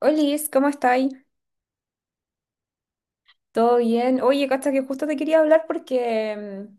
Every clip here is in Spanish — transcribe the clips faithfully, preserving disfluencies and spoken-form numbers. Olis, ¿cómo estáis? ¿Todo bien? Oye, cacha, que justo te quería hablar porque mm,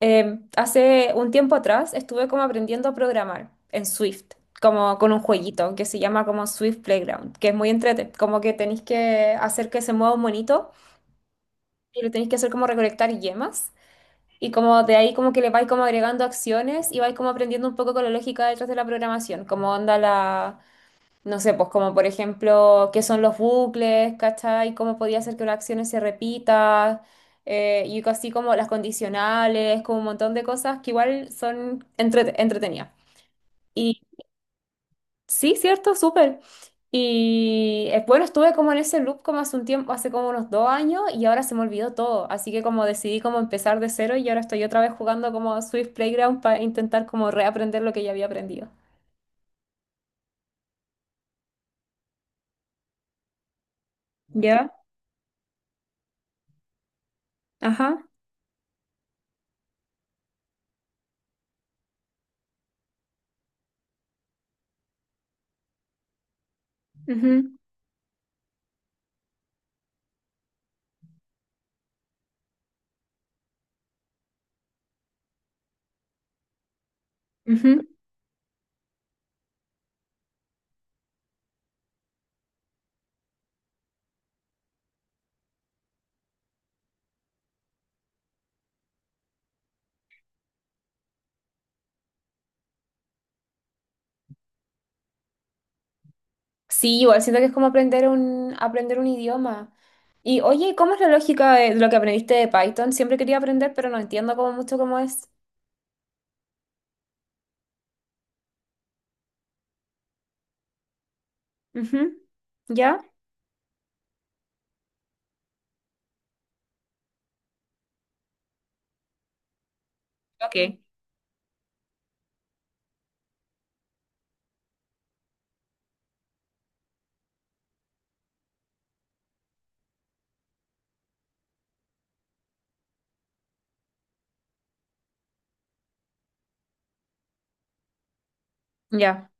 em, hace un tiempo atrás estuve como aprendiendo a programar en Swift, como con un jueguito que se llama como Swift Playground, que es muy entrete, como que tenéis que hacer que se mueva un monito y lo tenéis que hacer como recolectar yemas y como de ahí como que le vais como agregando acciones y vais como aprendiendo un poco con la lógica detrás de la programación, como onda la. No sé, pues como por ejemplo, qué son los bucles, ¿cachai? ¿Cómo podía hacer que una acción se repita? Eh, y así como las condicionales, como un montón de cosas que igual son entrete- entretenidas. Y sí, cierto, súper. Y eh, bueno, estuve como en ese loop como hace un tiempo, hace como unos dos años y ahora se me olvidó todo. Así que como decidí como empezar de cero y ahora estoy otra vez jugando como Swift Playground para intentar como reaprender lo que ya había aprendido. ¿Ya? Ajá. Ujú, ujú. Sí, igual siento que es como aprender un, aprender un idioma. Y oye, ¿cómo es la lógica de lo que aprendiste de Python? Siempre quería aprender, pero no entiendo como mucho cómo es. Ujú. ¿Ya? Ok. Ya.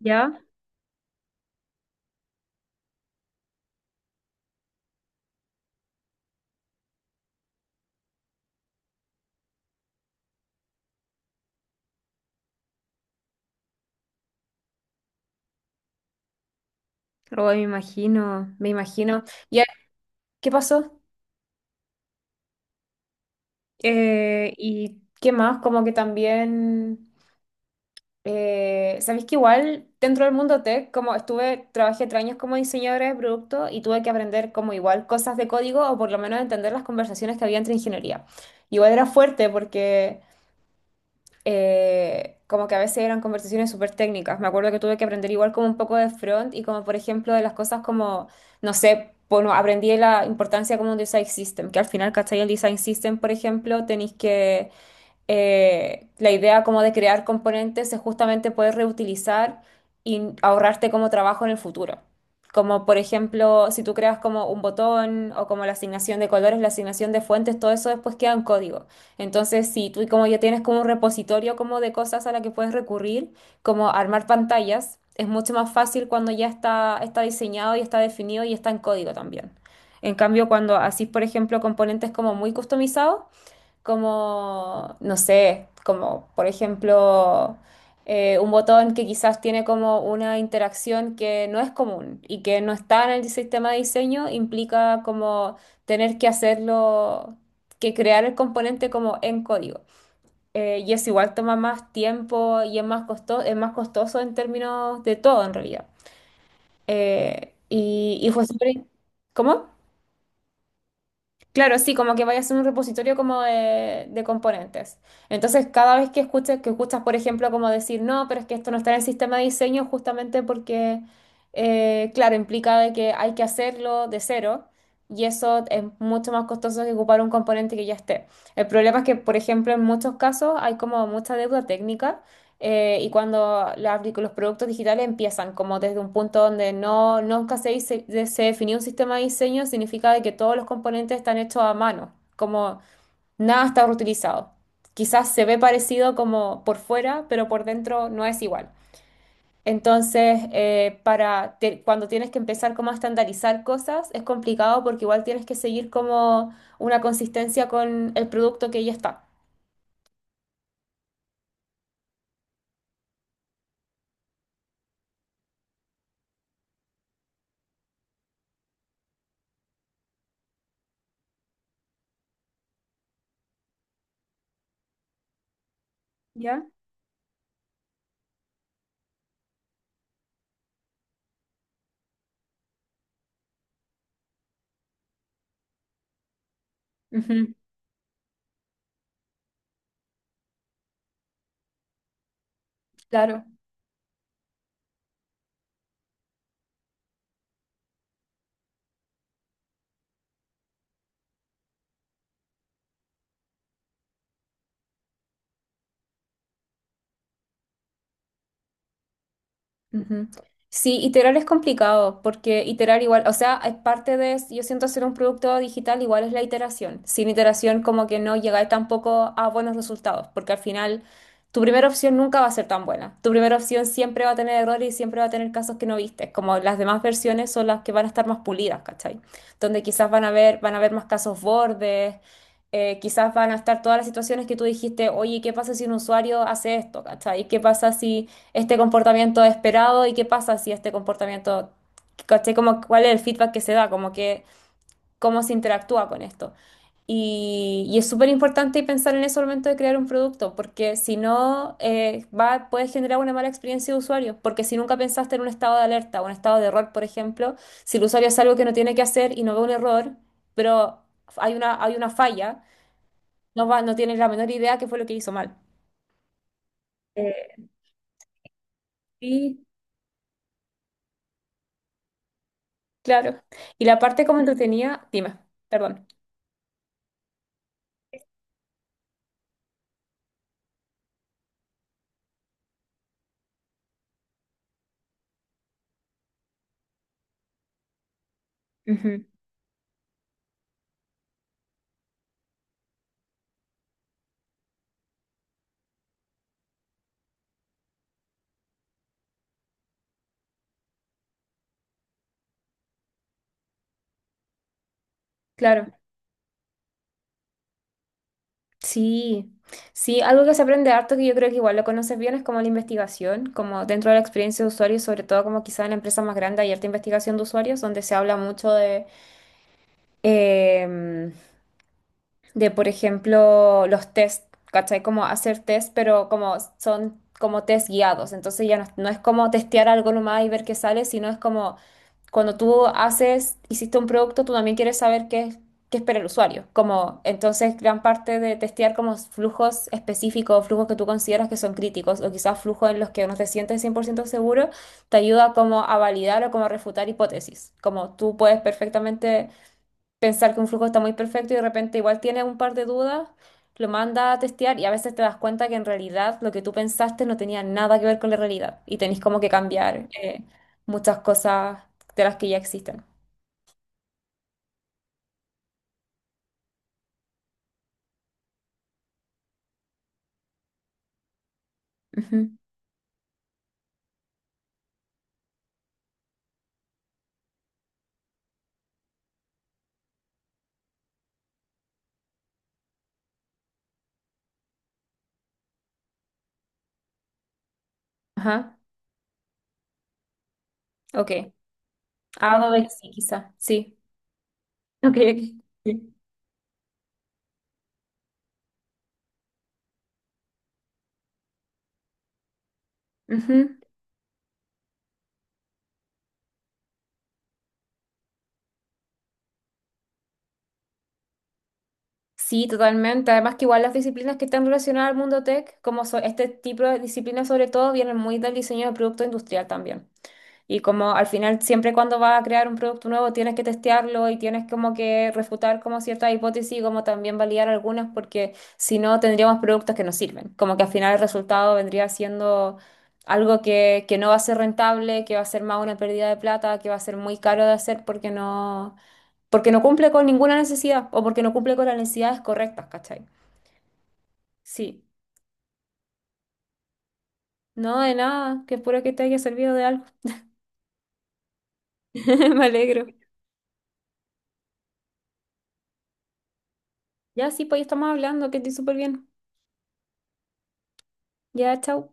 ¿Ya? Oh, me imagino, me imagino. ¿Y qué pasó? Eh, ¿y qué más? Como que también. Eh, sabéis que igual dentro del mundo tech, como estuve, trabajé tres años como diseñadora de producto y tuve que aprender como igual cosas de código o por lo menos entender las conversaciones que había entre ingeniería. Igual era fuerte porque eh, como que a veces eran conversaciones súper técnicas. Me acuerdo que tuve que aprender igual como un poco de front y como por ejemplo de las cosas como, no sé, bueno, aprendí la importancia como un design system, que al final, ¿cachai? El design system, por ejemplo, tenéis que eh, la idea como de crear componentes es justamente poder reutilizar y ahorrarte como trabajo en el futuro. Como por ejemplo, si tú creas como un botón o como la asignación de colores, la asignación de fuentes, todo eso después queda en código. Entonces, si tú como ya tienes como un repositorio como de cosas a la que puedes recurrir, como armar pantallas, es mucho más fácil cuando ya está, está diseñado y está definido y está en código también. En cambio, cuando haces, por ejemplo, componentes como muy customizados, como, no sé, como por ejemplo eh, un botón que quizás tiene como una interacción que no es común y que no está en el sistema de diseño, implica como tener que hacerlo, que crear el componente como en código. Eh, y es igual toma más tiempo y es más costoso, es más costoso en términos de todo en realidad. Eh, y, y fue súper... ¿Cómo? Claro, sí, como que vaya a ser un repositorio como de, de componentes. Entonces, cada vez que escuches, que escuchas, por ejemplo, como decir, no, pero es que esto no está en el sistema de diseño, justamente porque, eh, claro, implica de que hay que hacerlo de cero y eso es mucho más costoso que ocupar un componente que ya esté. El problema es que, por ejemplo, en muchos casos hay como mucha deuda técnica eh, y cuando la apli- los productos digitales empiezan como desde un punto donde no, nunca se, dise- de- se definió un sistema de diseño, significa de que todos los componentes están hechos a mano, como nada está reutilizado. Quizás se ve parecido como por fuera, pero por dentro no es igual. Entonces, eh, para te- cuando tienes que empezar como a estandarizar cosas, es complicado porque igual tienes que seguir como una consistencia con el producto que ya está. ¿Ya? Ujú. Claro. Ujú. Sí, iterar es complicado porque iterar igual, o sea, es parte de, yo siento hacer un producto digital igual es la iteración. Sin iteración como que no llegáis tampoco a buenos resultados porque al final tu primera opción nunca va a ser tan buena. Tu primera opción siempre va a tener errores y siempre va a tener casos que no viste, como las demás versiones son las que van a estar más pulidas, ¿cachai? Donde quizás van a ver, van a haber más casos bordes, eh, quizás van a estar todas las situaciones que tú dijiste, oye, ¿qué pasa si un usuario hace esto, ¿cachai? ¿Qué pasa si este comportamiento esperado y qué pasa si este comportamiento, ¿cachai? Como cuál es el feedback que se da, como que cómo se interactúa con esto. Y, y es súper importante pensar en eso al momento de crear un producto, porque si no, eh, va, puedes generar una mala experiencia de usuario, porque si nunca pensaste en un estado de alerta, o un estado de error, por ejemplo, si el usuario hace algo que no tiene que hacer y no ve un error, pero hay una, hay una falla, no va, no tienes la menor idea qué fue lo que hizo mal. Eh, sí. Claro. Y la parte como entretenida, dime, perdón. Ujú. Claro. Sí, sí, algo que se aprende harto que yo creo que igual lo conoces bien es como la investigación, como dentro de la experiencia de usuario, sobre todo como quizá en la empresa más grande hay harta investigación de usuarios, donde se habla mucho de, em, de por ejemplo, los test, ¿cachai? Como hacer test, pero como son como test guiados, entonces ya no, no es como testear algo nomás y ver qué sale, sino es como cuando tú haces, hiciste un producto, tú también quieres saber qué, qué espera el usuario. Como, entonces, gran parte de testear como flujos específicos, flujos que tú consideras que son críticos, o quizás flujos en los que no te sientes cien por ciento seguro, te ayuda como a validar o como a refutar hipótesis. Como tú puedes perfectamente pensar que un flujo está muy perfecto y de repente igual tienes un par de dudas, lo manda a testear y a veces te das cuenta que en realidad lo que tú pensaste no tenía nada que ver con la realidad y tenés como que cambiar eh, muchas cosas de las que ya existen. Ujú. Ajá, ok. Algo de sí, quizá. Sí. Ok, ok. Sí. Ujú. Sí, totalmente. Además que igual las disciplinas que están relacionadas al mundo tech, como so- este tipo de disciplinas sobre todo, vienen muy del diseño de producto industrial también. Y como al final, siempre cuando vas a crear un producto nuevo, tienes que testearlo y tienes como que refutar como ciertas hipótesis y como también validar algunas, porque si no, tendríamos productos que no sirven. Como que al final el resultado vendría siendo algo que, que no va a ser rentable, que va a ser más una pérdida de plata, que va a ser muy caro de hacer porque no, porque no cumple con ninguna necesidad o porque no cumple con las necesidades correctas, ¿cachai? Sí. No, de nada, que puro que te haya servido de algo. Me alegro. Ya sí, pues ya estamos hablando, que estoy súper bien. Ya, chao.